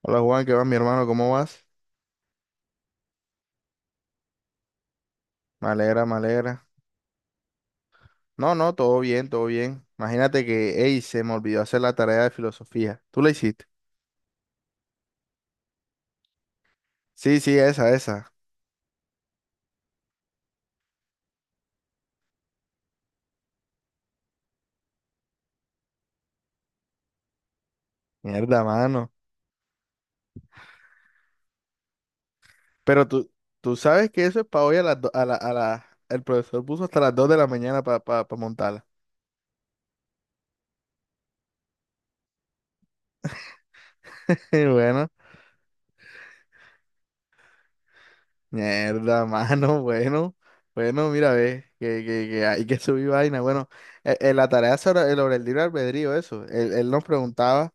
Hola Juan, ¿qué va, mi hermano? ¿Cómo vas? Me alegra, me alegra. No, no, todo bien, todo bien. Imagínate que, ey, se me olvidó hacer la tarea de filosofía. ¿Tú la hiciste? Sí, sí, esa, esa. Mierda, mano. Pero tú sabes que eso es para hoy a las do- a la, El profesor puso hasta las 2 de la mañana para montarla. Y bueno, mierda, mano, bueno. Bueno, mira, ve, que hay que subir vaina. Bueno, la tarea sobre el libre albedrío, eso. Él nos preguntaba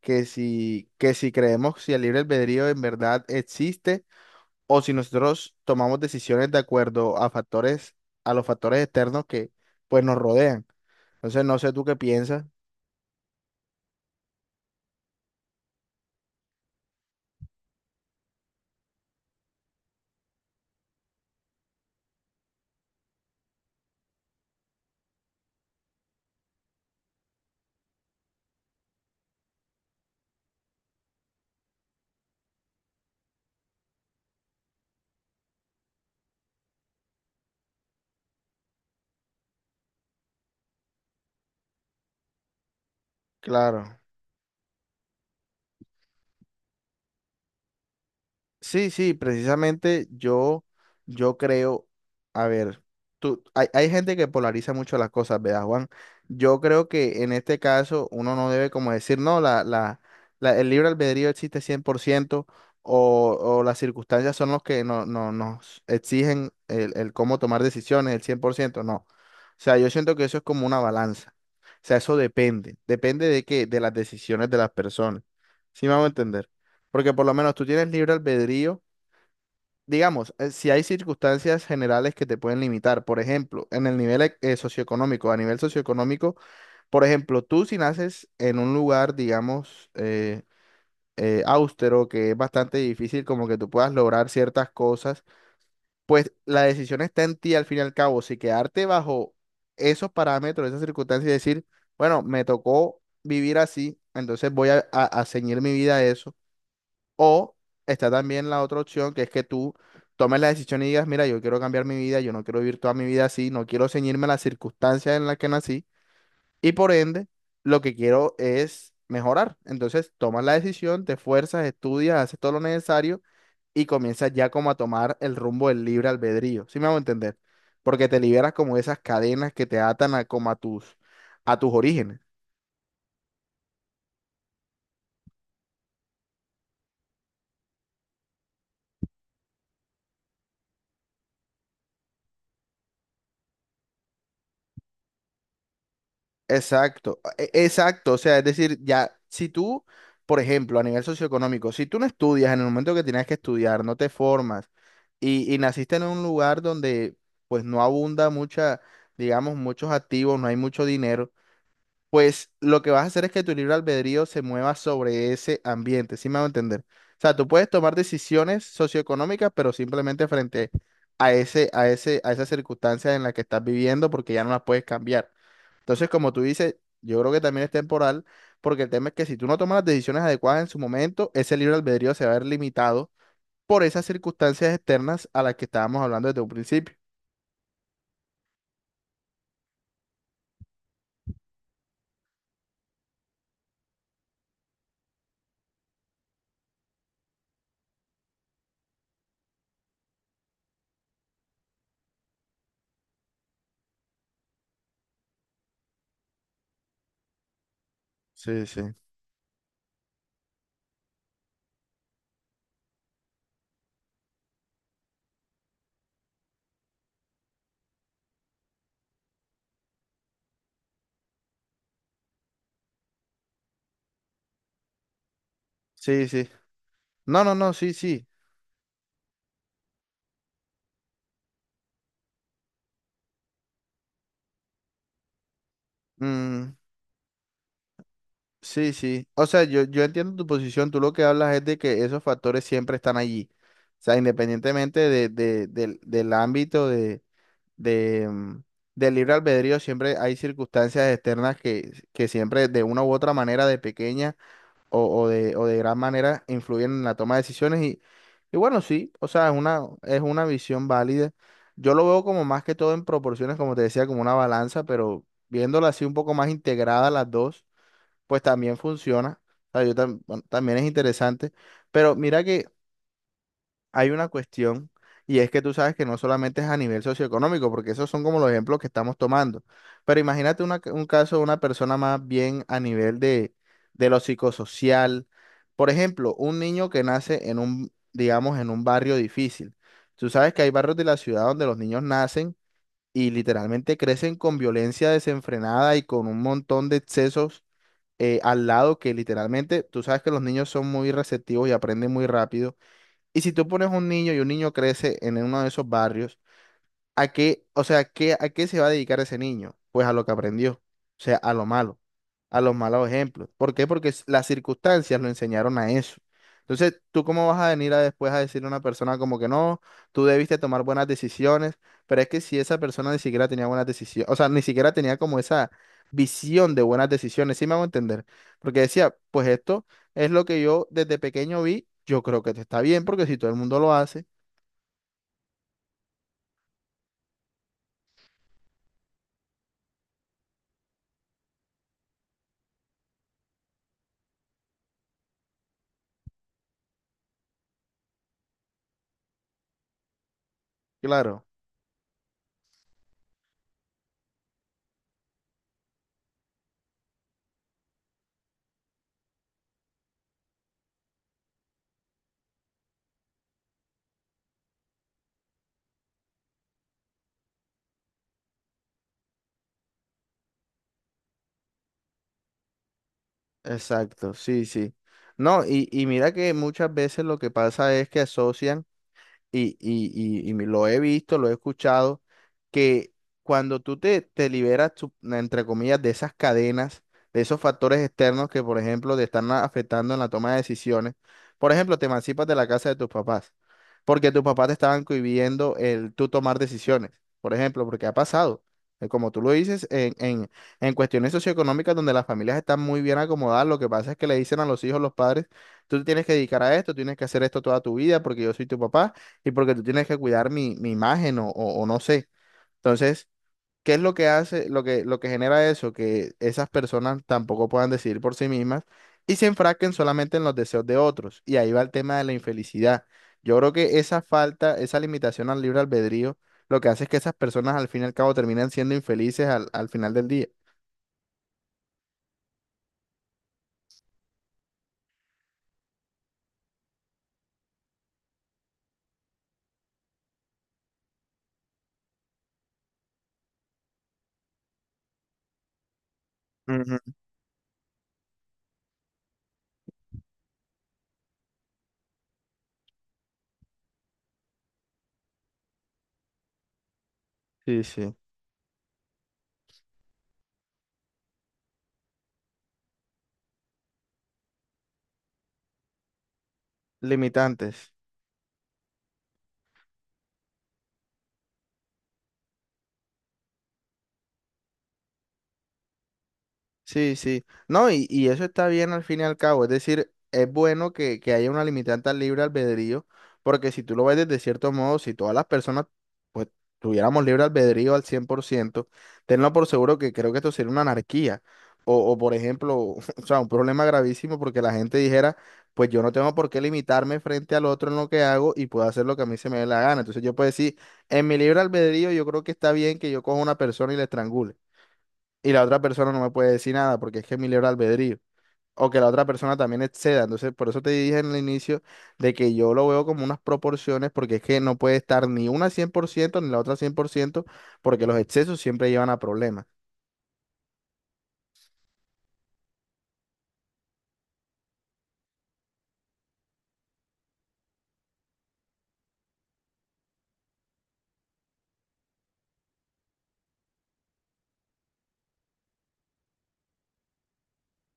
que si creemos si el libre albedrío en verdad existe o si nosotros tomamos decisiones de acuerdo a factores, a los factores externos que pues nos rodean. Entonces, no sé tú qué piensas. Claro. Sí, sí, precisamente yo creo, a ver, hay gente que polariza mucho las cosas, ¿verdad, Juan? Yo creo que en este caso uno no debe como decir, no, la el libre albedrío existe 100% o las circunstancias son los que no nos exigen el cómo tomar decisiones, el 100% no. O sea, yo siento que eso es como una balanza. O sea, eso depende de qué, de las decisiones de las personas. ¿Sí me a entender? Porque por lo menos tú tienes libre albedrío. Digamos, si hay circunstancias generales que te pueden limitar, por ejemplo, en el nivel e- socioeconómico, a nivel socioeconómico, por ejemplo, tú si naces en un lugar, digamos, austero, que es bastante difícil como que tú puedas lograr ciertas cosas, pues la decisión está en ti al fin y al cabo, si quedarte bajo esos parámetros, esas circunstancias y decir, bueno, me tocó vivir así, entonces voy a ceñir mi vida a eso o está también la otra opción, que es que tú tomes la decisión y digas, mira, yo quiero cambiar mi vida, yo no quiero vivir toda mi vida así, no quiero ceñirme a las circunstancias en las que nací y por ende lo que quiero es mejorar. Entonces tomas la decisión, te esfuerzas, estudias, haces todo lo necesario y comienzas ya como a tomar el rumbo del libre albedrío, ¿sí me hago entender? Porque te liberas como de esas cadenas que te atan a, como a tus orígenes. Exacto, exacto. O sea, es decir, ya, si tú, por ejemplo, a nivel socioeconómico, si tú no estudias en el momento que tienes que estudiar, no te formas y naciste en un lugar donde pues no abunda mucha, digamos, muchos activos, no hay mucho dinero, pues lo que vas a hacer es que tu libre albedrío se mueva sobre ese ambiente, ¿sí me a entender? O sea, tú puedes tomar decisiones socioeconómicas, pero simplemente frente a esas circunstancias en las que estás viviendo, porque ya no las puedes cambiar. Entonces, como tú dices, yo creo que también es temporal, porque el tema es que si tú no tomas las decisiones adecuadas en su momento, ese libre albedrío se va a ver limitado por esas circunstancias externas a las que estábamos hablando desde un principio. Sí, sí. Sí, sí. No, no, no, sí, sí. Mm, sí, sí. O sea, yo, entiendo tu posición. Tú lo que hablas es de que esos factores siempre están allí. O sea, independientemente del ámbito de, mm, del libre albedrío, siempre hay circunstancias externas que siempre de una u otra manera, de pequeña o de gran manera, influyen en la toma de decisiones. Y bueno, sí, o sea, es una visión válida. Yo lo veo como más que todo en proporciones, como te decía, como una balanza, pero viéndola así un poco más integrada las dos pues también funciona. O sea, bueno, también es interesante. Pero mira que hay una cuestión y es que tú sabes que no solamente es a nivel socioeconómico, porque esos son como los ejemplos que estamos tomando. Pero imagínate un caso de una persona más bien a nivel de lo psicosocial. Por ejemplo, un niño que nace en un, digamos, en un barrio difícil. Tú sabes que hay barrios de la ciudad donde los niños nacen y literalmente crecen con violencia desenfrenada y con un montón de excesos al lado que literalmente, tú sabes que los niños son muy receptivos y aprenden muy rápido. Y si tú pones un niño y un niño crece en uno de esos barrios, ¿a qué, o sea, a qué se va a dedicar ese niño? Pues a lo que aprendió, o sea, a lo malo, a los malos ejemplos. ¿Por qué? Porque las circunstancias lo enseñaron a eso. Entonces, ¿tú cómo vas a venir a después a decirle a una persona como que no, tú debiste tomar buenas decisiones? Pero es que si esa persona ni siquiera tenía buenas decisiones, o sea, ni siquiera tenía como esa visión de buenas decisiones, ¿sí me hago entender? Porque decía, pues esto es lo que yo desde pequeño vi, yo creo que te está bien, porque si todo el mundo lo hace, claro. Exacto, sí, sí. No, y mira que muchas veces lo que pasa es que asocian y, y, y lo he visto, lo he escuchado, que cuando tú te liberas, entre comillas, de esas cadenas, de esos factores externos que, por ejemplo, te están afectando en la toma de decisiones, por ejemplo, te emancipas de la casa de tus papás, porque tus papás te estaban cohibiendo el tú tomar decisiones, por ejemplo, porque ha pasado. Como tú lo dices, en cuestiones socioeconómicas donde las familias están muy bien acomodadas, lo que pasa es que le dicen a los hijos, los padres, tú te tienes que dedicar a esto, tienes que hacer esto toda tu vida porque yo soy tu papá y porque tú tienes que cuidar mi imagen o no sé. Entonces, ¿qué es lo que hace, lo que genera eso? Que esas personas tampoco puedan decidir por sí mismas y se enfrasquen solamente en los deseos de otros. Y ahí va el tema de la infelicidad. Yo creo que esa falta, esa limitación al libre albedrío, lo que hace es que esas personas al fin y al cabo terminan siendo infelices al final del día. Ujú. Sí, sí. Limitantes. Sí, sí. No, y eso está bien al fin y al cabo. Es decir, es bueno que haya una limitante al libre albedrío, porque si tú lo ves desde cierto modo, si todas las personas pues tuviéramos libre albedrío al 100%, tenlo por seguro que creo que esto sería una anarquía. O por ejemplo, o sea, un problema gravísimo porque la gente dijera, pues yo no tengo por qué limitarme frente al otro en lo que hago y puedo hacer lo que a mí se me dé la gana. Entonces yo puedo decir, en mi libre albedrío yo creo que está bien que yo coja una persona y la estrangule y la otra persona no me puede decir nada porque es que es mi libre albedrío. O que la otra persona también exceda. Entonces, por eso te dije en el inicio de que yo lo veo como unas proporciones porque es que no puede estar ni una 100% ni la otra 100% porque los excesos siempre llevan a problemas.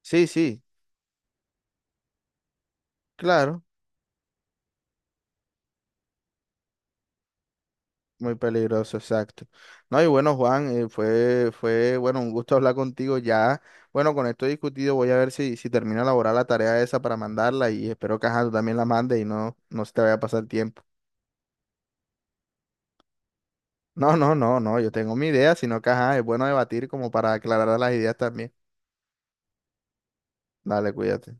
Sí, sí, claro. Muy peligroso, exacto. No, y bueno, Juan, bueno, un gusto hablar contigo ya. Bueno, con esto discutido voy a ver si termino de elaborar la tarea esa para mandarla y espero que ajá, tú también la mandes y no se te vaya a pasar tiempo. No, no, no, no, yo tengo mi idea, sino que ajá, es bueno debatir como para aclarar las ideas también. Dale, cuídate.